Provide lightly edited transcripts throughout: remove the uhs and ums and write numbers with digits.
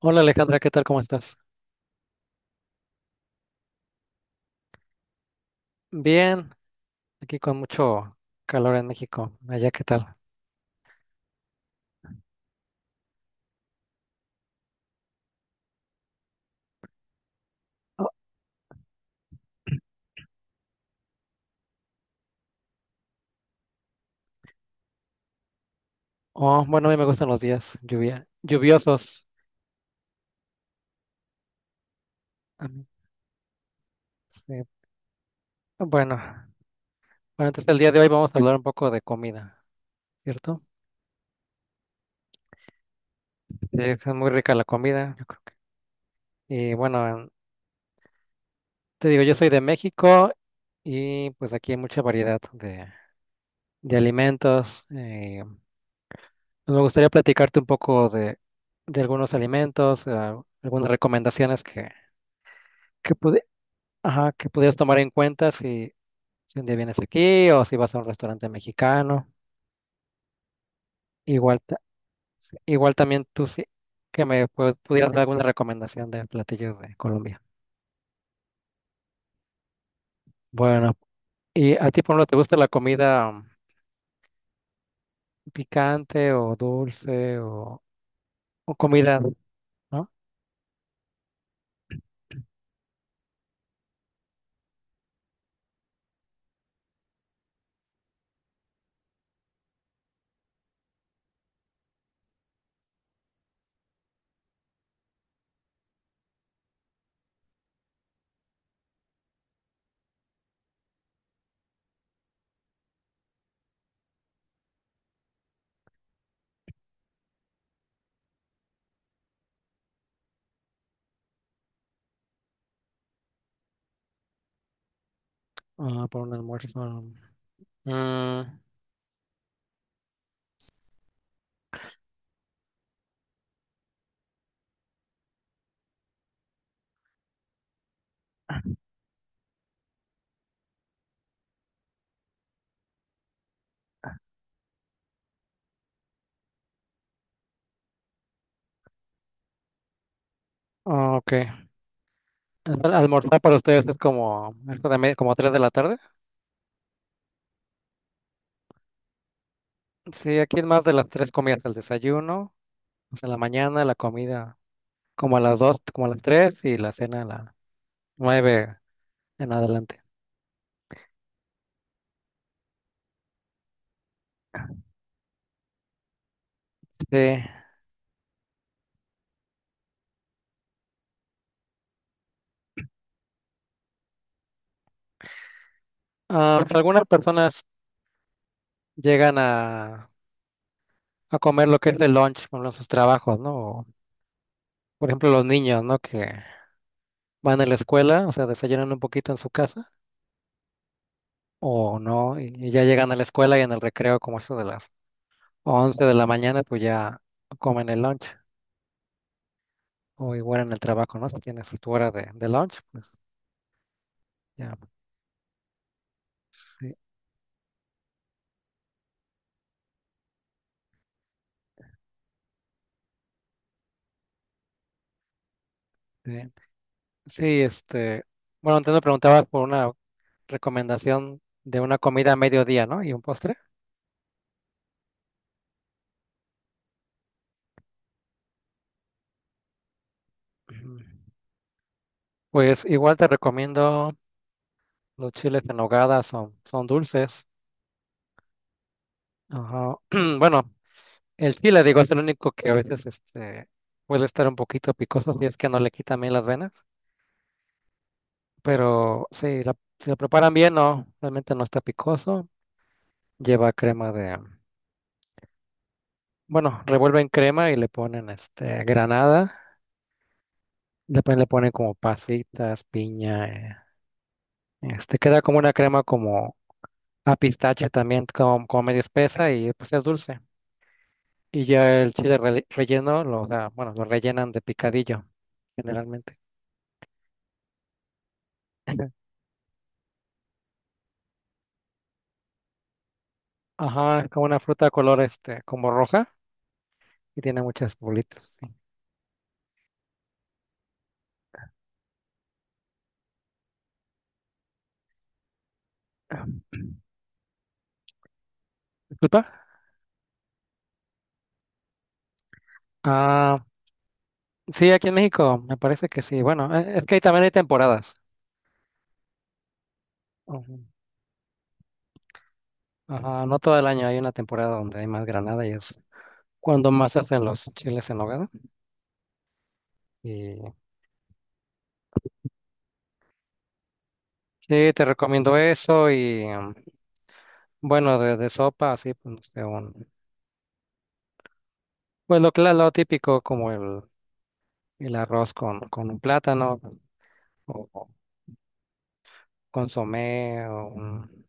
Hola Alejandra, ¿qué tal? ¿Cómo estás? Bien, aquí con mucho calor en México. Allá, ¿qué tal? Oh, oh, bueno, a mí me gustan los días lluviosos. A mí, sí. Bueno, bueno, entonces el día de hoy vamos a hablar un poco de comida, ¿cierto? Sí, es muy rica la comida, yo creo que. Y bueno, te digo, yo soy de México y pues aquí hay mucha variedad de alimentos. Pues me gustaría platicarte un poco de algunos alimentos, algunas recomendaciones que, pudi- ajá, que pudieras tomar en cuenta si un día vienes aquí o si vas a un restaurante mexicano. Igual, igual también tú sí que me pudieras dar alguna recomendación de platillos de Colombia. Bueno, ¿y a ti, por ejemplo, te gusta la comida picante o dulce o comida, ¿no? Ah, por un almuerzo. Mm, ok. Entonces, almorzar para ustedes es como, esto como 3 de la tarde. Sí, aquí es más de las tres comidas, el desayuno, o sea, la mañana, la comida como a las 2, como a las 3 y la cena a las 9 en adelante. Sí. Ah, algunas personas llegan a comer lo que es el lunch por sus trabajos, ¿no? O, por ejemplo, los niños, ¿no? Que van a la escuela, o sea, desayunan un poquito en su casa o no, y ya llegan a la escuela y en el recreo, como eso de las 11 de la mañana, pues ya comen el lunch o igual en el trabajo, ¿no? Si tienes tu hora de lunch, pues ya. Sí, sí, Sí, bueno, entonces me preguntabas por una recomendación de una comida a mediodía, ¿no? Y un postre. Ujú. Pues igual te recomiendo los chiles en nogada, son dulces. Ajá. Bueno, el chile, digo, es el único que a veces puede estar un poquito picoso si es que no le quitan bien las venas. Pero sí, si lo preparan bien, no, realmente no está picoso. Lleva crema de, bueno, revuelven crema y le ponen este, granada. Le ponen como pasitas, piña. Este, queda como una crema como a pistache también, como, como medio espesa y pues es dulce. Y ya el chile relleno, lo, o sea, bueno, lo rellenan de picadillo generalmente. Ajá, es como una fruta de color este, como roja y tiene muchas bolitas. Sí. Disculpa. Ah, sí, aquí en México me parece que sí. Bueno, es que ahí también hay temporadas. Ujú. Ajá, no todo el año hay una temporada donde hay más granada y es cuando más hacen los chiles en nogada. Y sí, te recomiendo eso y bueno, de sopa, así, pues, no sé, pues lo típico como el arroz con un plátano o consomé o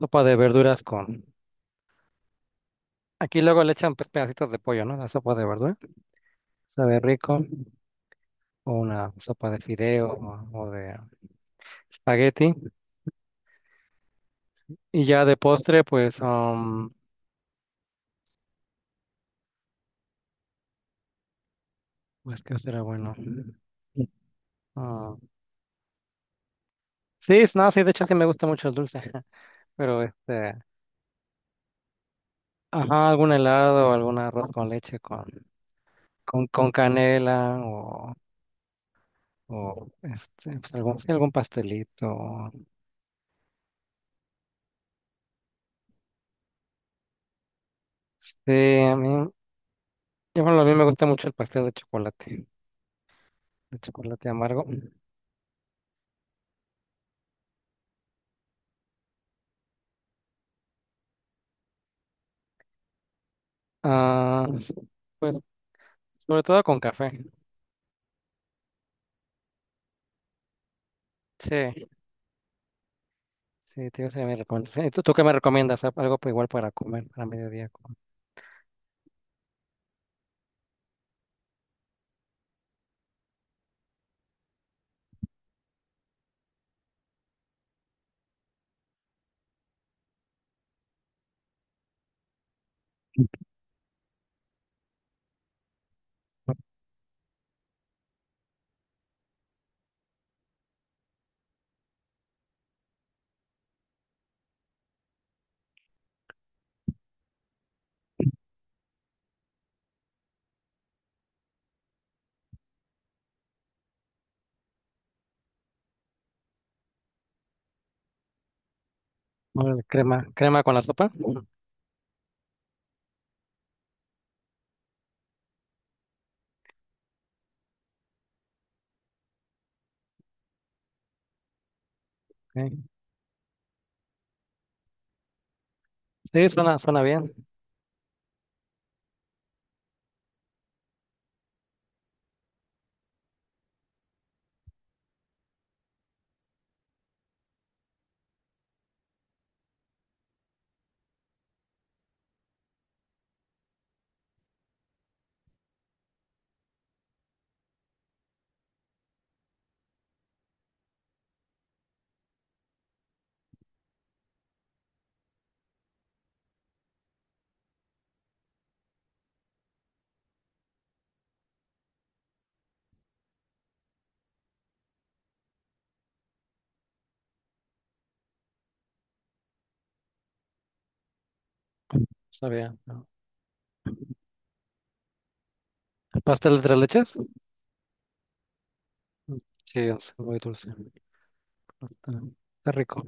sopa de verduras con aquí luego le echan pues, pedacitos de pollo, ¿no? La sopa de verdura. Sabe rico. O una sopa de fideo o de espagueti. Y ya de postre, pues, pues, ¿qué será bueno? Ah, sí, es- no, sí, de hecho sí me gusta mucho el dulce. Pero este, ajá, algún helado, algún arroz con leche con canela o este, pues, algún, sí, algún pastelito. Sí, a mí me gusta mucho el pastel de chocolate amargo. Ah, pues sobre todo con café. Sí, sí, te sería mi recomendación. ¿Y tú qué me recomiendas? Algo igual para comer, para mediodía. Como Órale, crema con la sopa. Ok. Sí, suena bien. Está bien. ¿No? ¿Pastel de tres leches? Mm, sí, es muy dulce. Está, está rico.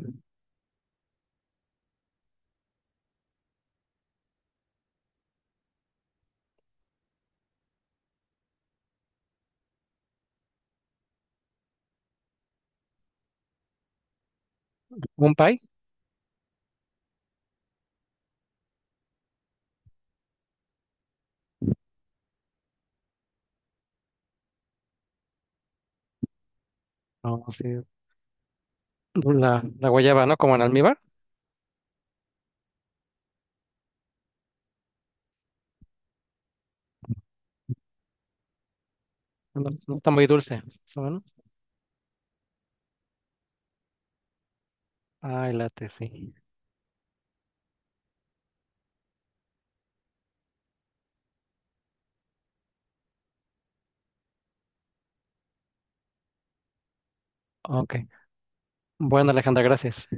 ¿Un pie? No, sí. La guayaba, ¿no? Como en almíbar. No, no está muy dulce. ¿Más o menos? Ay, late, sí. Ok. Bueno, Alejandra, gracias.